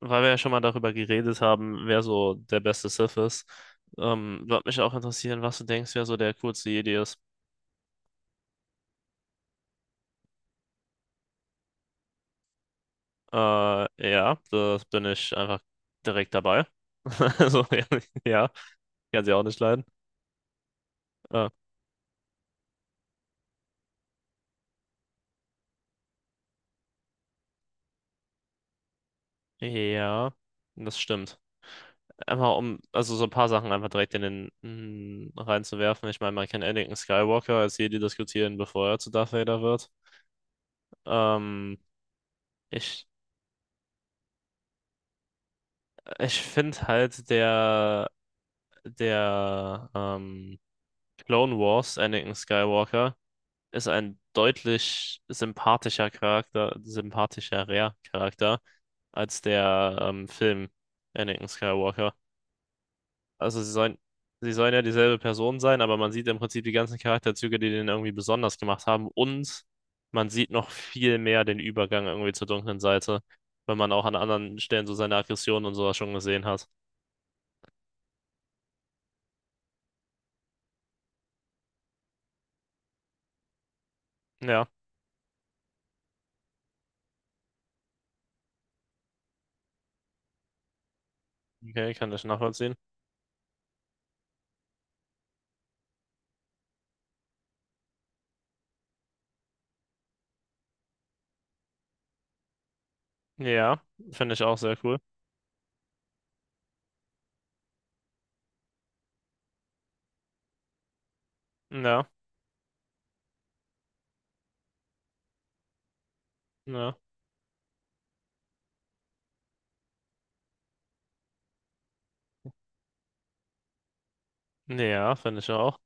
Weil wir ja schon mal darüber geredet haben, wer so der beste Sith ist, würde mich auch interessieren, was du denkst, wer so der coolste Jedi ist. Ja, da bin ich einfach direkt dabei. Also, ja, ja, kann sie auch nicht leiden. Äh, ja, das stimmt. Einfach um, also so ein paar Sachen einfach direkt in den reinzuwerfen. Ich meine, man kann Anakin Skywalker als Jedi diskutieren, bevor er zu Darth Vader wird. Ähm, Ich ich finde halt der Clone Wars Anakin Skywalker ist ein deutlich sympathischerer Charakter als der Film Anakin Skywalker. Also sie sollen ja dieselbe Person sein, aber man sieht im Prinzip die ganzen Charakterzüge, die den irgendwie besonders gemacht haben. Und man sieht noch viel mehr den Übergang irgendwie zur dunklen Seite, weil man auch an anderen Stellen so seine Aggressionen und sowas schon gesehen hat. Ja, okay, kann ich nachvollziehen. Ja, finde ich auch sehr cool. Ja, ja. Ja, finde ich auch.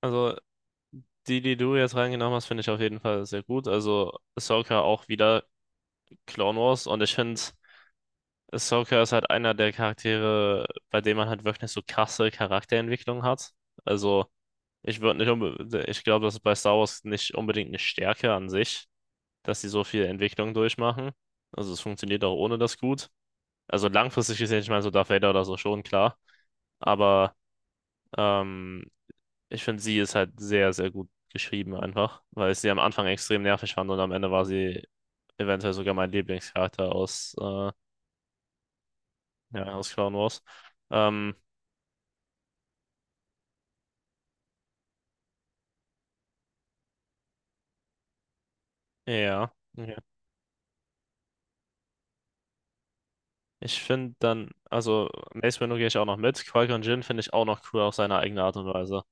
Also die, die du jetzt reingenommen hast, finde ich auf jeden Fall sehr gut. Also Ahsoka auch wieder Clone Wars, und ich finde, Ahsoka ist halt einer der Charaktere, bei dem man halt wirklich so krasse Charakterentwicklung hat. Also ich würde nicht ich glaube, das ist bei Star Wars nicht unbedingt eine Stärke an sich, dass sie so viel Entwicklung durchmachen. Also es funktioniert auch ohne das gut. Also langfristig gesehen, ich meine, so Darth Vader oder so schon, klar. Aber ähm, ich finde, sie ist halt sehr, sehr gut geschrieben einfach, weil ich sie am Anfang extrem nervig fand und am Ende war sie eventuell sogar mein Lieblingscharakter aus, ja, aus Clone Wars. Ähm, ja. Ja. Ich finde dann, also Mace Windu gehe ich auch noch mit. Qui-Gon Jinn finde ich auch noch cool auf seine eigene Art und Weise.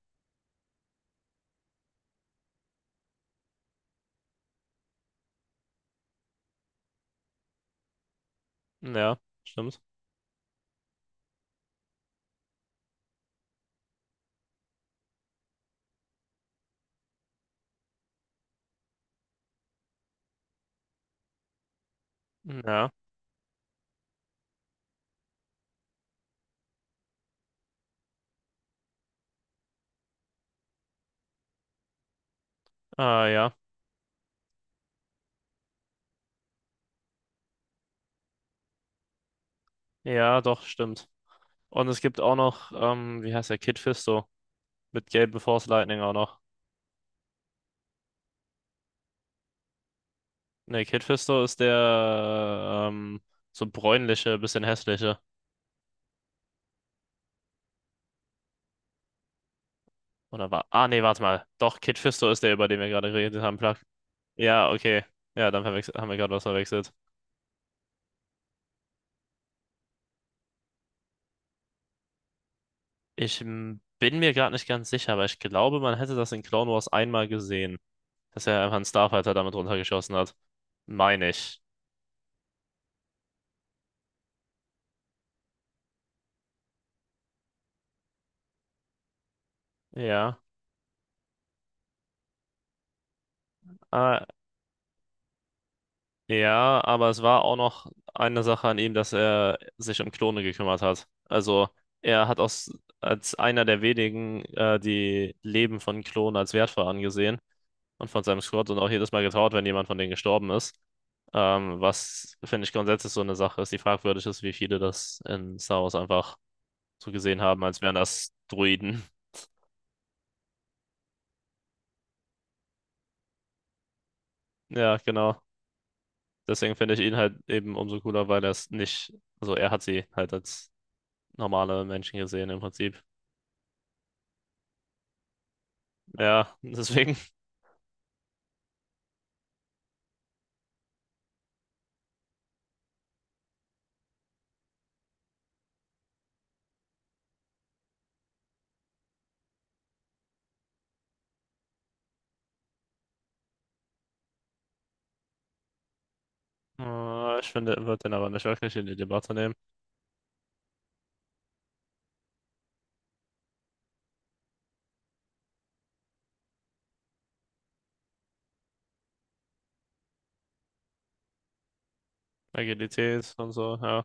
Ja, stimmt. Ja, ah, ja. Ja, doch, stimmt. Und es gibt auch noch, wie heißt der, Kid Fisto mit gelben Force Lightning auch noch. Ne, Kid Fisto ist der so bräunliche, bisschen hässliche. Oder war. Ah, nee, warte mal. Doch, Kid Fisto ist der, über den wir gerade geredet haben, Plug. Ja, okay. Ja, dann haben wir gerade was verwechselt. Bin mir gerade nicht ganz sicher, aber ich glaube, man hätte das in Clone Wars einmal gesehen, dass er einfach einen Starfighter damit runtergeschossen hat. Meine ich. Ja. Äh, Ja, aber es war auch noch eine Sache an ihm, dass er sich um Klone gekümmert hat. Also er hat aus, als einer der wenigen die Leben von Klonen als wertvoll angesehen und von seinem Squad, und auch jedes Mal getrauert, wenn jemand von denen gestorben ist. Was, finde ich, grundsätzlich so eine Sache ist, die fragwürdig ist, wie viele das in Star Wars einfach so gesehen haben, als wären das Droiden. Ja, genau. Deswegen finde ich ihn halt eben umso cooler, weil er es nicht, also er hat sie halt als normale Menschen gesehen im Prinzip. Ja, deswegen, ich finde, er wird den aber nicht wirklich in die Debatte nehmen. Agilität und so, ja.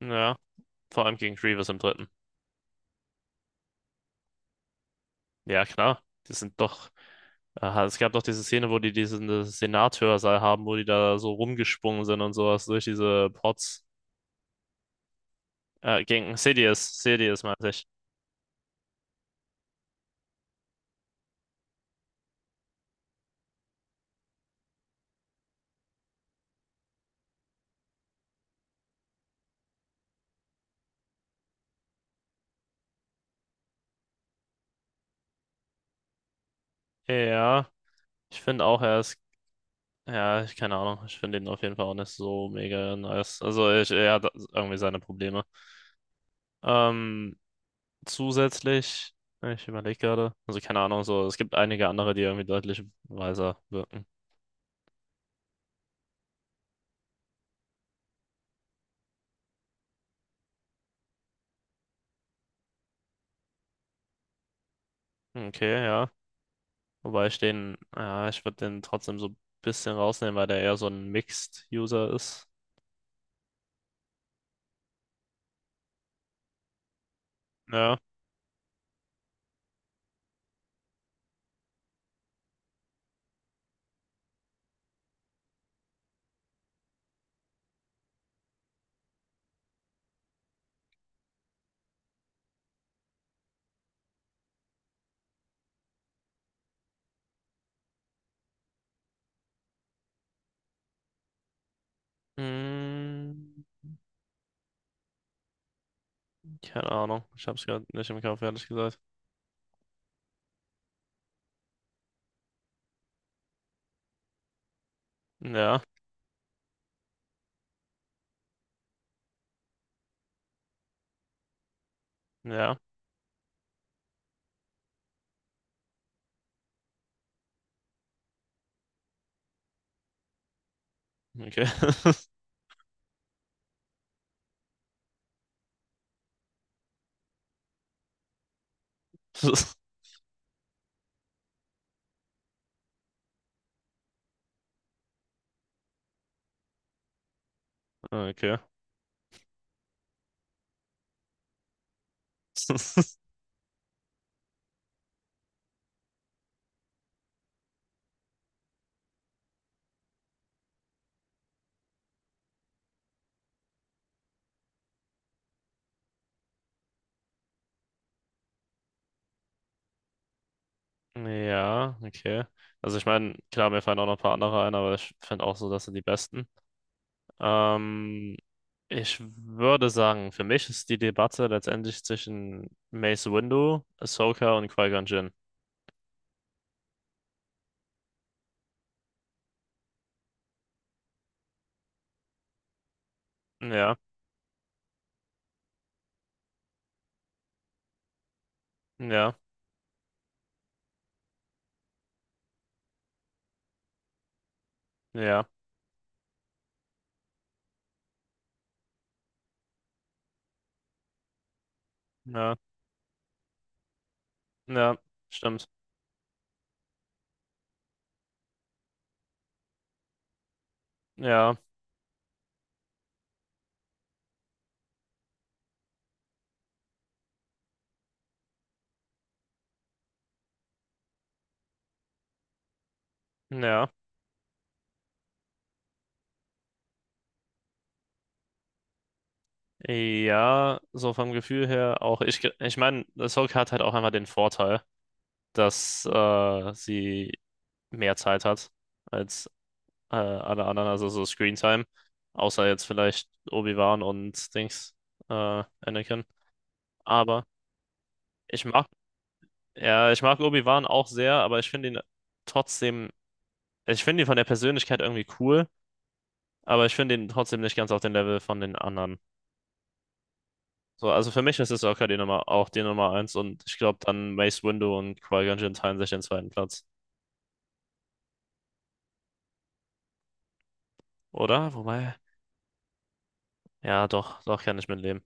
Ja, vor allem gegen Grievous im dritten. Ja, klar, die sind doch. Aha, es gab doch diese Szene, wo die diesen Senatshörsaal haben, wo die da so rumgesprungen sind und sowas durch diese Pots. Gegen Sidious meinte ich. Ja, ich finde auch, er ist. Ja, ich keine Ahnung. Ich finde ihn auf jeden Fall auch nicht so mega nice. Also, ich, er hat irgendwie seine Probleme. Ähm, zusätzlich. Ich überlege gerade. Also keine Ahnung, so, es gibt einige andere, die irgendwie deutlich weiser wirken. Okay, ja. Wobei ich den, ja, ich würde den trotzdem so ein bisschen rausnehmen, weil der eher so ein Mixed-User ist. Ja. Hm, keine Ahnung. Ich hab's gerade nicht im Kopf, ehrlich gesagt. Ja, ja. Okay. Okay. Ja, okay. Also ich meine, klar, mir fallen auch noch ein paar andere ein, aber ich finde auch so, das sind die besten. Ähm, Ich würde sagen, für mich ist die Debatte letztendlich zwischen Mace Windu, Ahsoka und Qui-Gon Jinn. Ja, ja, ja, ja, ja, stimmt. Ja, ja, ja, so vom Gefühl her auch. Ich meine, Ahsoka hat halt auch einmal den Vorteil, dass sie mehr Zeit hat als alle anderen, also so Screentime. Außer jetzt vielleicht Obi-Wan und Dings, Anakin. Aber ich mag. Ja, ich mag Obi-Wan auch sehr, aber ich finde ihn trotzdem, also ich finde ihn von der Persönlichkeit irgendwie cool, aber ich finde ihn trotzdem nicht ganz auf dem Level von den anderen. So, also für mich ist es Ahsoka die Nummer, auch die Nummer eins, und ich glaube dann Mace Windu und Qui-Gon Jinn teilen sich den zweiten Platz. Oder? Wobei, ja, doch, doch kann ich mitleben.